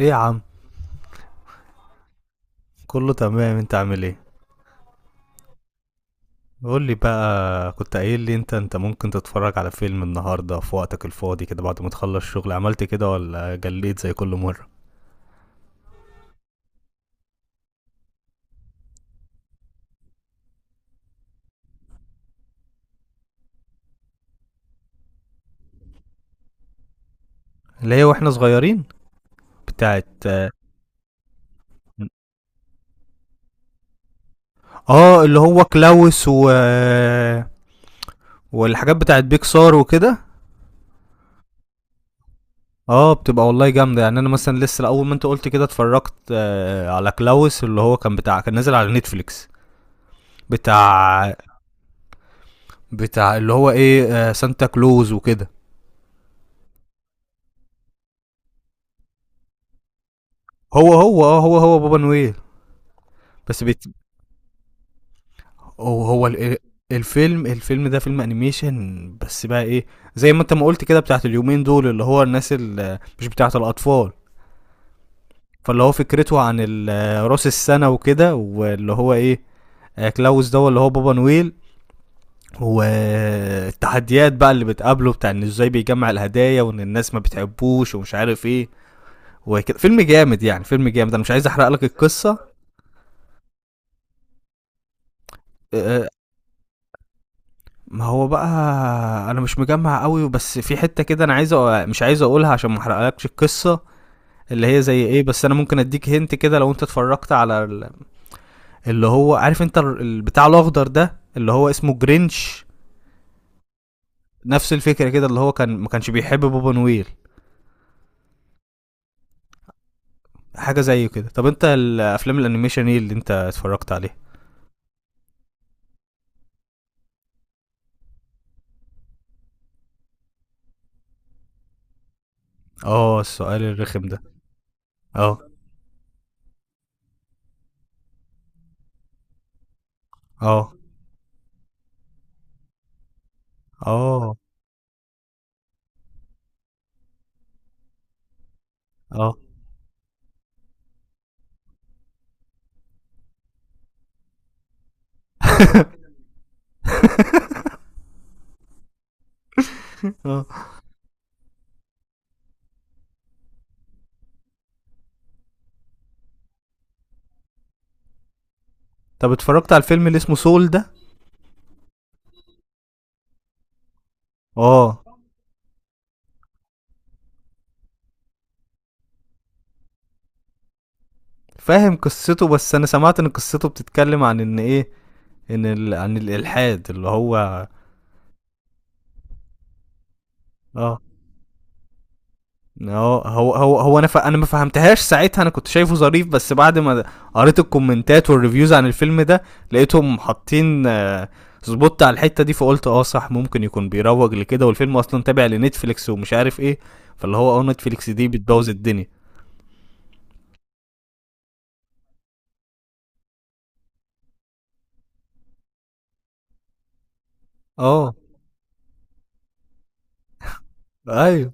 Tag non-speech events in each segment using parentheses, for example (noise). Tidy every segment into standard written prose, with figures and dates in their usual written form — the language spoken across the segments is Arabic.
ايه يا عم. كله تمام، انت عامل ايه؟ قول لي بقى، كنت قايل لي انت ممكن تتفرج على فيلم النهارده في وقتك الفاضي كده بعد ما تخلص شغل، عملت كده ولا جليت زي كل مره؟ اللي هي واحنا صغيرين. بتاعت. اه، اللي هو كلاوس و... والحاجات بتاعت بيكسار وكده. اه، بتبقى والله جامده. يعني انا مثلا لسه اول ما انت قلت كده اتفرجت على كلاوس، اللي هو كان بتاع، كان نازل على نتفليكس. بتاع بتاع اللي هو ايه، سانتا كلوز وكده. هو هو بابا نويل. بس بيت... هو هو ال- الفيلم ده فيلم انيميشن، بس بقى ايه، زي ما انت ما قلت كده بتاعت اليومين دول، اللي هو الناس اللي مش بتاعت الاطفال. فاللي هو فكرته عن راس السنه وكده، واللي هو ايه، كلاوس ده اللي هو بابا نويل. والتحديات بقى اللي بتقابله بتاع ان ازاي بيجمع الهدايا وان الناس ما بتحبوش ومش عارف ايه وكده. فيلم جامد يعني، فيلم جامد. انا مش عايز احرق لك القصه. آه، ما هو بقى، انا مش مجمع قوي، بس في حتة كده انا عايز مش عايز اقولها عشان ما احرقلكش القصة، اللي هي زي ايه. بس انا ممكن اديك هنت كده لو انت اتفرجت على اللي هو، عارف انت البتاع الاخضر ده اللي هو اسمه جرينش؟ نفس الفكرة كده، اللي هو كان ما كانش بيحب بابا نويل. حاجة زي كده. طب انت الافلام الانيميشن ايه اللي انت اتفرجت عليه؟ اه، السؤال الرخم ده. اه. اه. اه. اه. (laughs) آه. طب اتفرجت على الفيلم اللي اسمه سول ده؟ اه، فاهم قصته. بس انا سمعت ان قصته بتتكلم عن ان ايه، ان عن الالحاد اللي هو... اه. هو انا انا ما فهمتهاش ساعتها. انا كنت شايفه ظريف بس بعد ما قريت الكومنتات والريفيوز عن الفيلم ده، لقيتهم حاطين سبوت على الحته دي، فقلت اه صح، ممكن يكون بيروج لكده، والفيلم اصلا تابع لنتفليكس ومش عارف ايه. فاللي هو اه، نتفليكس دي بتبوظ الدنيا. اه ايوه.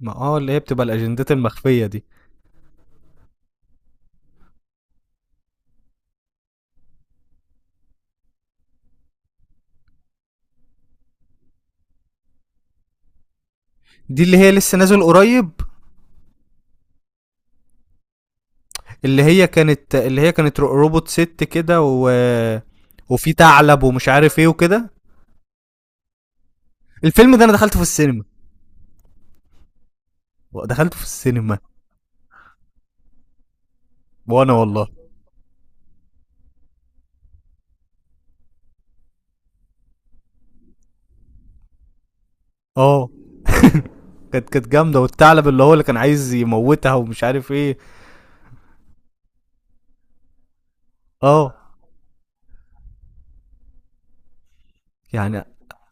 ما اه، اللي هي بتبقى الاجندات المخفيه دي. دي اللي هي لسه نازل قريب. اللي هي كانت روبوت ست كده و... وفي ثعلب ومش عارف ايه وكده. الفيلم ده انا دخلته في السينما، دخلته في السينما. وانا والله. اه كانت جامده، والثعلب اللي هو اللي كان عايز يموتها ومش عارف ايه. اه. يعني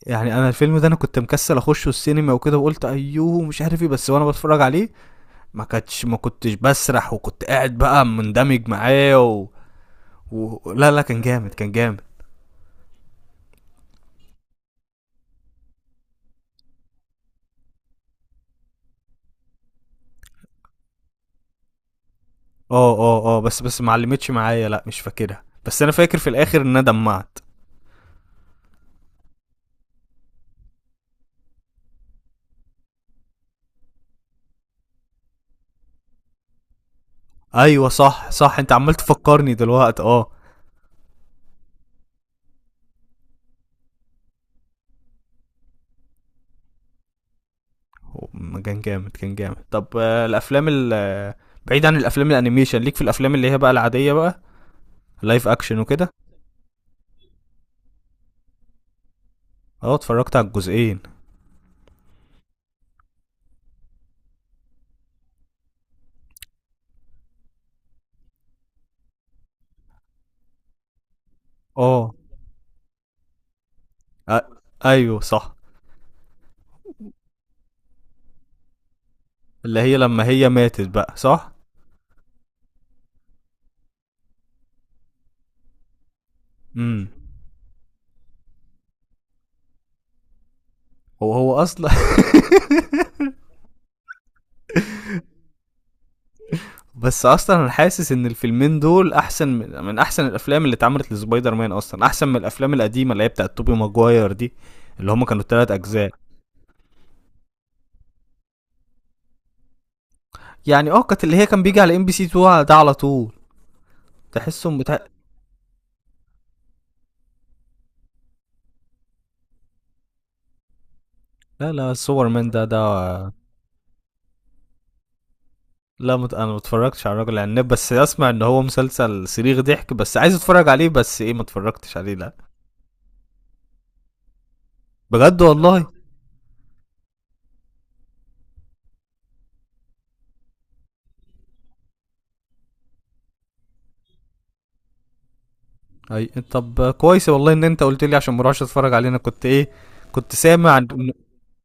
يعني انا الفيلم ده انا كنت مكسل اخشه السينما وكده، وقلت ايوه مش عارف ايه، بس وانا بتفرج عليه ما كنتش بسرح، وكنت قاعد بقى مندمج معاه و... و... لا لا، كان جامد كان جامد. اه. اه. اه. بس ما علمتش معايا، لا مش فاكرها، بس انا فاكر في الاخر ان انا دمعت. ايوه صح، صح انت عمال تفكرني دلوقتي اه. هو كان جامد، كان جامد. طب الافلام ال آه، بعيد عن الافلام الانيميشن، ليك في الافلام اللي هي بقى العاديه بقى، لايف اكشن وكده. اه، اتفرجت على الجزئين. اه. آ- ايوه صح. اللي هي لما هي ماتت بقى، صح. امم. هو هو اصلا. (laughs) بس اصلا انا حاسس ان الفيلمين دول احسن من احسن الافلام اللي اتعملت لسبايدر مان، اصلا احسن من الافلام القديمه اللي هي بتاعت توبي ماجواير دي، اللي هما كانوا التلات اجزاء. يعني اه كانت، اللي هي كان بيجي على ام بي سي 2 ده على طول. تحسهم بتاع. لا لا، سوبر مان ده ده. لا انا ما اتفرجتش على الراجل العناب، بس اسمع ان هو مسلسل صريخ ضحك، بس عايز اتفرج عليه، بس ايه ما اتفرجتش عليه لا. بجد والله. اي طب كويس والله ان انت قلت لي عشان ما اروحش اتفرج عليه. انا كنت ايه، كنت سامع عن...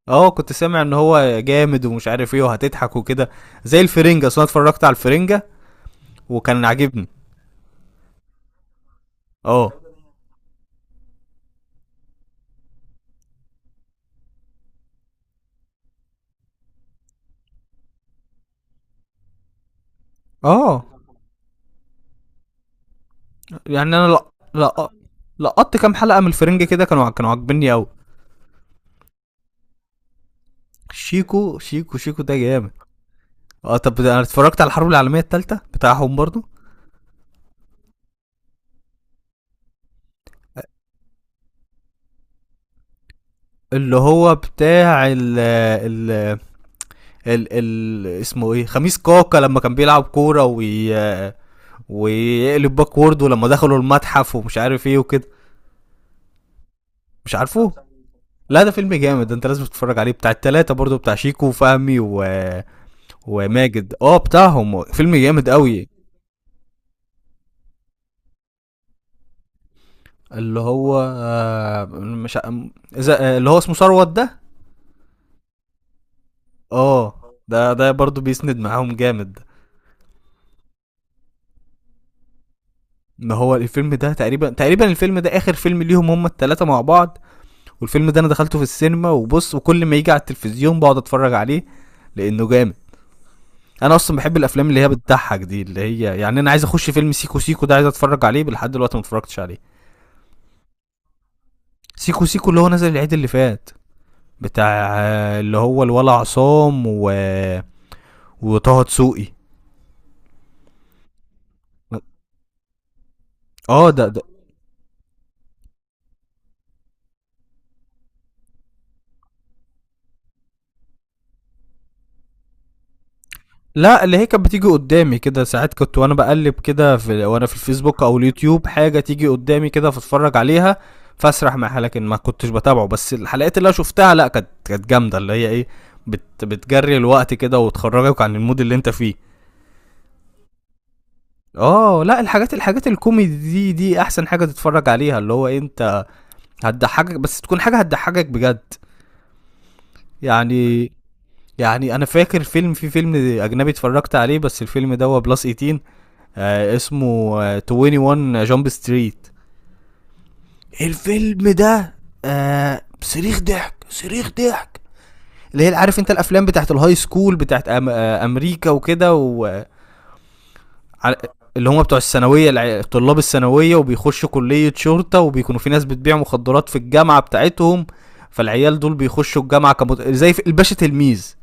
اه كنت سامع ان هو جامد ومش عارف ايه وهتضحك وكده، زي الفرنجة. اصل انا اتفرجت على الفرنجة وكان عاجبني. اه. اه. يعني انا لا، لا لقطت كام حلقة من الفرنجة كده، كانوا عاجبني قوي. شيكو، شيكو، شيكو ده جامد. اه. طب انا اتفرجت على الحرب العالمية التالتة بتاعهم برضو. اللي هو بتاع ال اسمه ايه، خميس كاكا، لما كان بيلعب كورة وي ويقلب باكورد، ولما دخلوا المتحف ومش عارف ايه وكده. مش عارفه. لا ده فيلم جامد، ده انت لازم تتفرج عليه. بتاع التلاتة برضو، بتاع شيكو وفهمي و... وماجد، اه بتاعهم فيلم جامد قوي. اللي هو مش ع- م- اذا، اللي هو اسمه ثروت ده. اه. ده برضو بيسند معاهم جامد. ان هو الفيلم ده تقريبا، تقريبا الفيلم ده اخر فيلم ليهم هم التلاتة مع بعض. والفيلم ده انا دخلته في السينما وبص، وكل ما يجي على التلفزيون بقعد اتفرج عليه لانه جامد. انا اصلا بحب الافلام اللي هي بتضحك دي. اللي هي يعني انا عايز اخش فيلم سيكو سيكو ده، عايز اتفرج عليه لحد دلوقتي ما اتفرجتش عليه. سيكو سيكو اللي هو نزل العيد اللي فات، بتاع، اللي هو الولا عصام و... وطه دسوقي. اه ده لا. اللي هي كانت بتيجي قدامي كده ساعات، كنت وانا بقلب كده في، وانا في الفيسبوك او اليوتيوب، حاجه تيجي قدامي كده فاتفرج عليها. فاسرح معاها، لكن ما كنتش بتابعه. بس الحلقات اللي انا شفتها لا، كانت جامده، اللي هي ايه، بت بتجري الوقت كده وتخرجك عن المود اللي انت فيه. اه لا، الحاجات، الحاجات الكوميدي دي دي احسن حاجه تتفرج عليها. اللي هو إيه، انت هتضحكك، بس تكون حاجه هتضحكك بجد. يعني يعني انا فاكر فيلم، في فيلم اجنبي اتفرجت عليه، بس الفيلم ده هو بلس 18. آه اسمه، آه 21 جامب ستريت. الفيلم ده آه صريخ ضحك، صريخ ضحك. اللي هي عارف انت الافلام بتاعت الهاي سكول بتاعت أم امريكا وكده و... على اللي هم بتوع الثانويه طلاب الثانويه، وبيخشوا كليه شرطه، وبيكونوا في ناس بتبيع مخدرات في الجامعه بتاعتهم. فالعيال دول بيخشوا الجامعه زي الباشا تلميذ.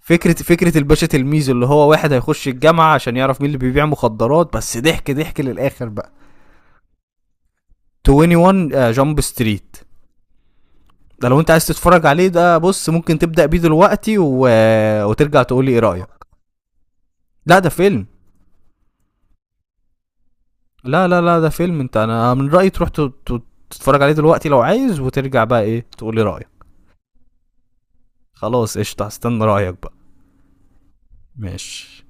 فكره الباشا تلميذ، اللي هو واحد هيخش الجامعه عشان يعرف مين اللي بيبيع مخدرات، بس ضحك ضحك للاخر بقى. 21 جامب ستريت ده لو انت عايز تتفرج عليه، ده بص ممكن تبدا بيه دلوقتي و... وترجع تقول لي ايه رايك. لا ده فيلم. لا لا لا، ده فيلم. انت انا من رأيي تروح تتفرج عليه دلوقتي لو عايز، وترجع بقى ايه تقولي رأيك. خلاص قشطة، هستنى رأيك بقى. ماشي.